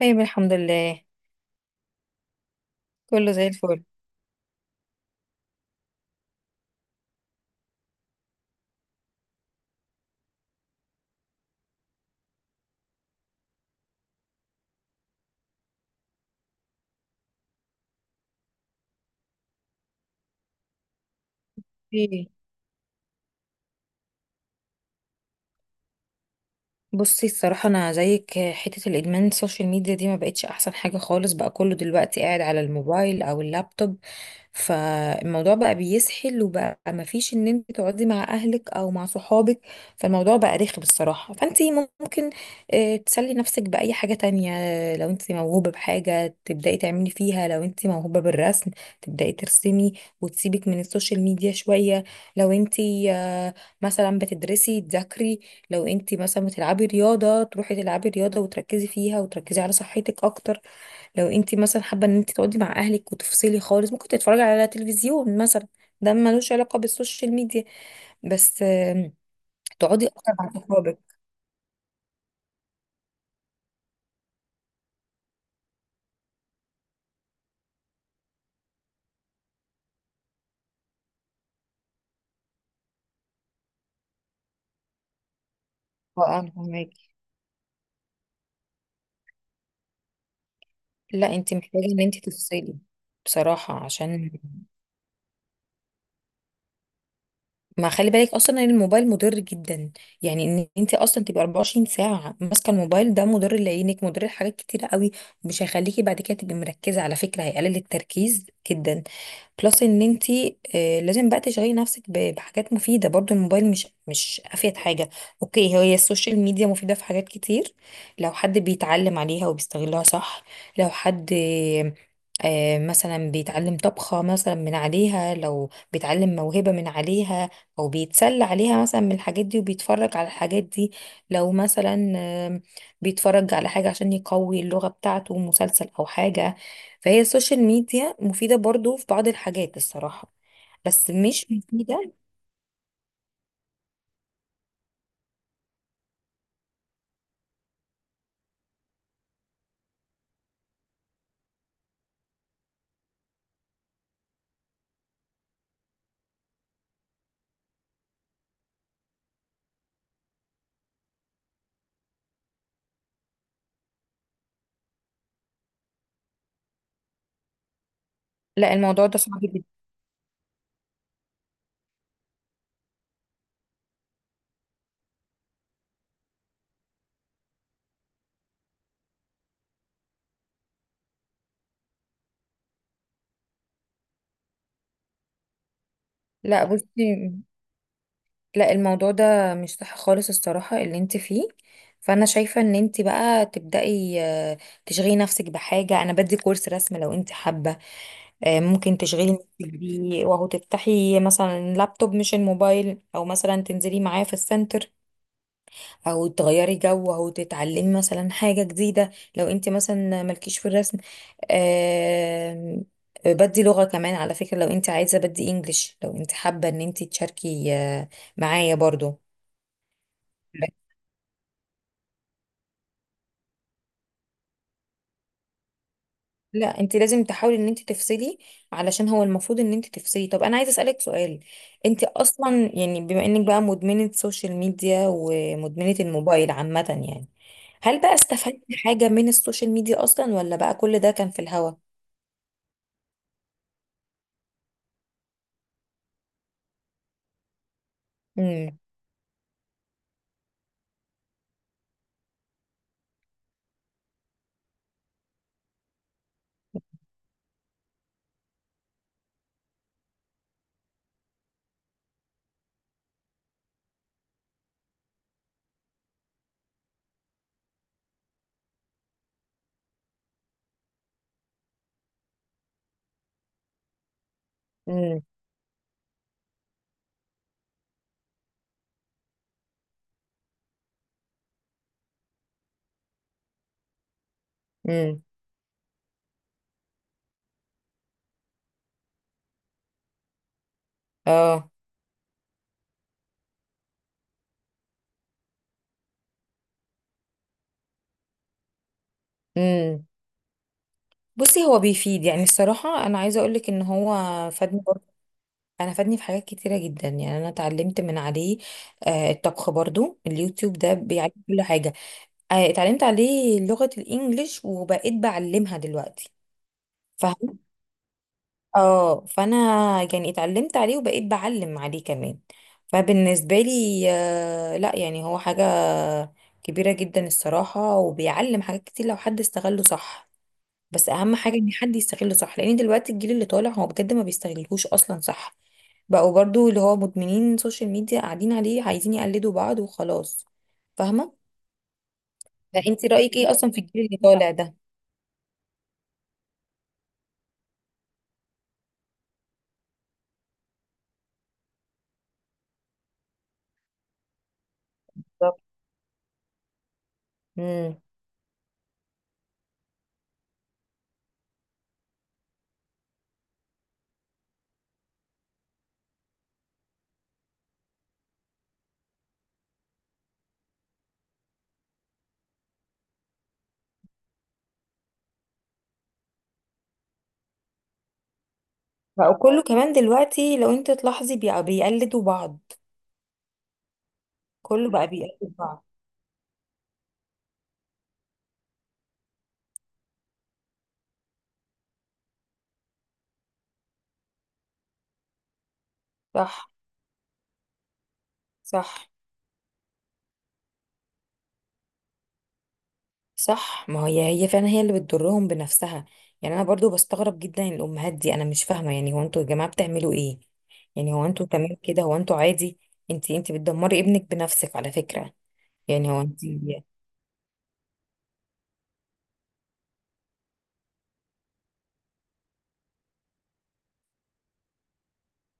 طيب الحمد لله. كله زي الفل. ايه، بصي الصراحة أنا زيك، حتة الإدمان السوشيال ميديا دي ما بقتش أحسن حاجة خالص. بقى كله دلوقتي قاعد على الموبايل أو اللابتوب، فالموضوع بقى بيسحل وبقى ما فيش إن أنت تقعدي مع أهلك أو مع صحابك. فالموضوع بقى رخم الصراحة، فأنت ممكن تسلي نفسك بأي حاجة تانية. لو أنت موهوبة بحاجة تبدأي تعملي فيها، لو أنت موهوبة بالرسم تبدأي ترسمي وتسيبك من السوشيال ميديا شوية. لو أنت آه، مثلا بتدرسي، تذاكري. لو انت مثلا بتلعبي رياضه، تروحي تلعبي رياضه وتركزي فيها وتركزي على صحتك اكتر. لو انت مثلا حابه ان انت تقعدي مع اهلك وتفصلي خالص، ممكن تتفرجي على تلفزيون مثلا. ده ملوش علاقه بالسوشيال ميديا. بس تقعدي اكتر مع صحابك. اه انا فهماكي. لا انت محتاجه ان انت تفصلي بصراحه، عشان ما خلي بالك اصلا ان الموبايل مضر جدا. يعني ان انت اصلا تبقي 24 ساعه ماسكه الموبايل، ده مضر لعينك، مضر لحاجات كتيره قوي. مش هيخليكي بعد كده تبقي مركزه على فكره، هيقلل التركيز جدا. بلس ان انت لازم بقى تشغلي نفسك بحاجات مفيده. برضو الموبايل مش افيد حاجه. اوكي، هي السوشيال ميديا مفيده في حاجات كتير لو حد بيتعلم عليها وبيستغلها صح. لو حد مثلا بيتعلم طبخة مثلا من عليها، لو بيتعلم موهبة من عليها، هو بيتسلى عليها مثلا من الحاجات دي وبيتفرج على الحاجات دي. لو مثلا آم، بيتفرج على حاجة عشان يقوي اللغة بتاعته، مسلسل أو حاجة. فهي السوشيال ميديا مفيدة برضو في بعض الحاجات الصراحة، بس مش مفيدة. لا الموضوع ده صعب جدا. لا بصي، لا الموضوع ده مش صح خالص الصراحة اللي انت فيه. فانا شايفة ان انت بقى تبدأي تشغلي نفسك بحاجة. انا بدي كورس رسم لو انت حابة، ممكن تشغلي نفسك بيه، وهو تفتحي مثلا لابتوب مش الموبايل، او مثلا تنزلي معاه في السنتر، او تغيري جو، او تتعلمي مثلا حاجة جديدة. لو انت مثلا مالكيش في الرسم، آم، بدي لغة كمان على فكرة، لو انت عايزة بدي انجليش. لو انت حابة ان انت تشاركي معايا برضو. لا انت لازم تحاولي ان انت تفصلي، علشان هو المفروض ان انت تفصلي. طب انا عايزه اسالك سؤال، انت اصلا يعني بما انك بقى مدمنه سوشيال ميديا ومدمنه الموبايل عامه، يعني هل بقى استفدتي حاجه من السوشيال ميديا اصلا، ولا بقى كل ده كان في الهوا؟ امم، امم، امم، اه، امم. بصي هو بيفيد، يعني الصراحه انا عايزه اقولك ان هو فادني برضه. انا فادني في حاجات كتيره جدا، يعني انا اتعلمت من عليه آه الطبخ برضو. اليوتيوب ده بيعلم كل حاجه. اتعلمت عليه لغة الانجليش وبقيت بعلمها دلوقتي. فاهم؟ اه فانا يعني اتعلمت عليه وبقيت بعلم عليه كمان. فبالنسبة لي لا يعني هو حاجة كبيرة جدا الصراحة، وبيعلم حاجات كتير لو حد استغله صح. بس اهم حاجة ان حد يستغله صح، لان دلوقتي الجيل اللي طالع هو بجد ما بيستغلهوش اصلا. صح، بقوا برضو اللي هو مدمنين سوشيال ميديا قاعدين عليه، عايزين يقلدوا بعض وخلاص. فاهمة؟ فانت رأيك ايه اصلا في الجيل اللي طالع ده؟ بالظبط. بقى كله كمان دلوقتي لو انت تلاحظي بقى بيقلدوا بعض، كله بقى بيقلد بعض. صح، صح، صح، ما هي هي فعلا هي اللي بتضرهم بنفسها. يعني انا برضو بستغرب جدا الامهات دي، انا مش فاهمه، يعني هو انتوا يا جماعه بتعملوا ايه؟ يعني هو انتوا تمام كده، هو انتوا عادي؟ انت بتدمري ابنك بنفسك على فكره. يعني هو انت،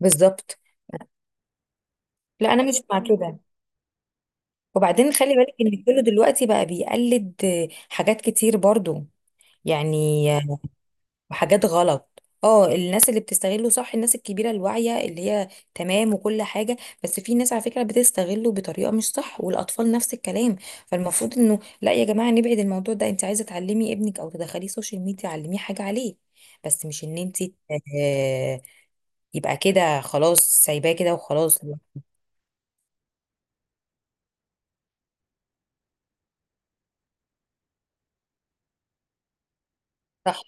بالظبط. لا انا مش مع كده. وبعدين خلي بالك ان كله دلوقتي بقى بيقلد حاجات كتير برضو، يعني وحاجات غلط. اه، الناس اللي بتستغله صح، الناس الكبيرة الواعية اللي هي تمام وكل حاجة. بس في ناس على فكرة بتستغله بطريقة مش صح، والأطفال نفس الكلام. فالمفروض انه لا يا جماعة نبعد الموضوع ده. انت عايزة تعلمي ابنك او تدخليه سوشيال ميديا، علميه حاجة عليه، بس مش ان انت آه، يبقى كده خلاص سايباه كده وخلاص. صح،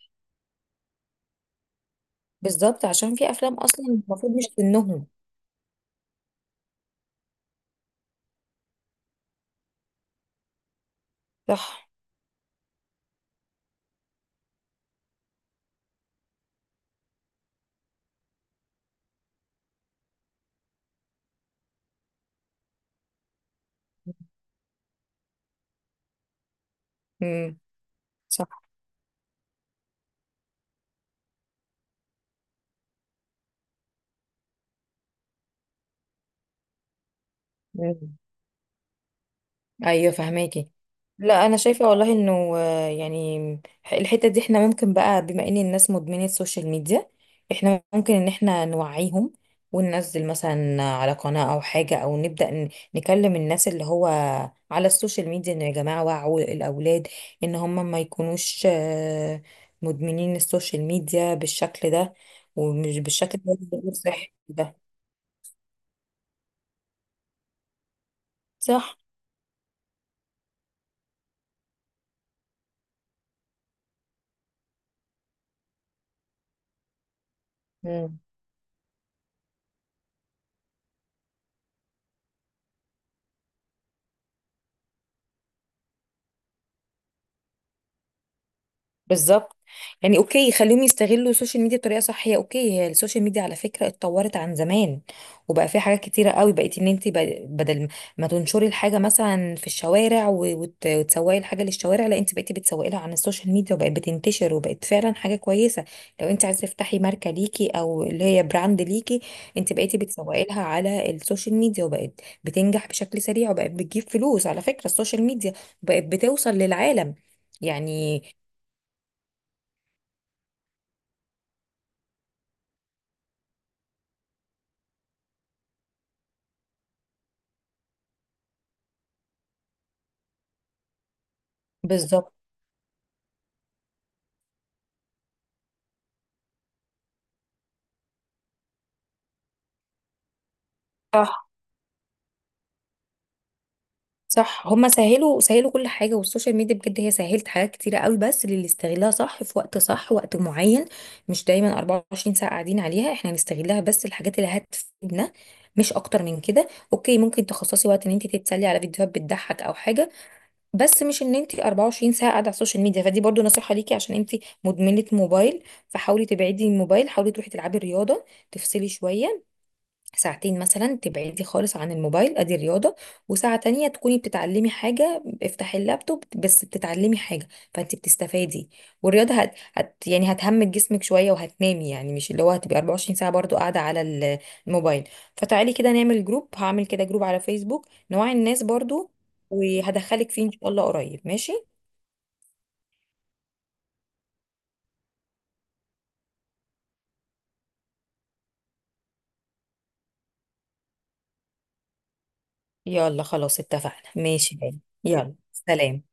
بالظبط، عشان في افلام اصلا المفروض مش سنهم. صح. امم. صح. مم. ايوه فهماكي. لا انا شايفه والله انه يعني الحته دي احنا ممكن بقى، بما ان الناس مدمنه السوشيال ميديا، احنا ممكن ان احنا نوعيهم، وننزل مثلا على قناه او حاجه، او نبدا نكلم الناس اللي هو على السوشيال ميديا انه يا جماعه وعوا الاولاد ان هم ما يكونوش مدمنين السوشيال ميديا بالشكل ده، ومش بالشكل ده اللي غير صحي ده. صح. بالظبط. يعني اوكي خليهم يستغلوا السوشيال ميديا بطريقه صح. هي اوكي، هي السوشيال ميديا على فكره اتطورت عن زمان، وبقى في حاجات كتيره قوي بقيت ان انت بدل ما تنشري الحاجه مثلا في الشوارع وتسوقي الحاجه للشوارع، لا انت بقيتي بتسوقي لها عن السوشيال ميديا، وبقت بتنتشر وبقت فعلا حاجه كويسه. لو انت عايزه تفتحي ماركه ليكي او اللي هي براند ليكي، انت بقيتي بتسوقي لها على السوشيال ميديا، وبقت بتنجح بشكل سريع، وبقت بتجيب فلوس على فكره السوشيال ميديا، وبقت بتوصل للعالم يعني. بالظبط. صح، صح، هما سهلوا سهلوا كل حاجة، والسوشيال ميديا بجد هي سهلت حاجات كتيرة قوي بس للي يستغلها صح في وقت صح، وقت معين، مش دايما 24 ساعة قاعدين عليها. احنا هنستغلها بس الحاجات اللي هتفيدنا، مش اكتر من كده. اوكي ممكن تخصصي وقت ان انت تتسلي على فيديوهات بتضحك او حاجة، بس مش ان انت 24 ساعة قاعدة على السوشيال ميديا. فدي برضو نصيحة ليكي عشان انت مدمنة موبايل. فحاولي تبعدي الموبايل، حاولي تروحي تلعبي رياضة، تفصلي شوية ساعتين مثلا، تبعدي خالص عن الموبايل ادي رياضة، وساعة تانية تكوني بتتعلمي حاجة، افتحي اللابتوب بس بتتعلمي حاجة، فانت بتستفادي. والرياضة يعني هتهمك جسمك شوية وهتنامي، يعني مش اللي هو هتبقي 24 ساعة برضو قاعدة على الموبايل. فتعالي كده نعمل جروب، هعمل كده جروب على فيسبوك نوعي الناس برضو، وهدخلك فيه ان شاء الله قريب. ماشي يلا خلاص اتفقنا. ماشي يلا سلام.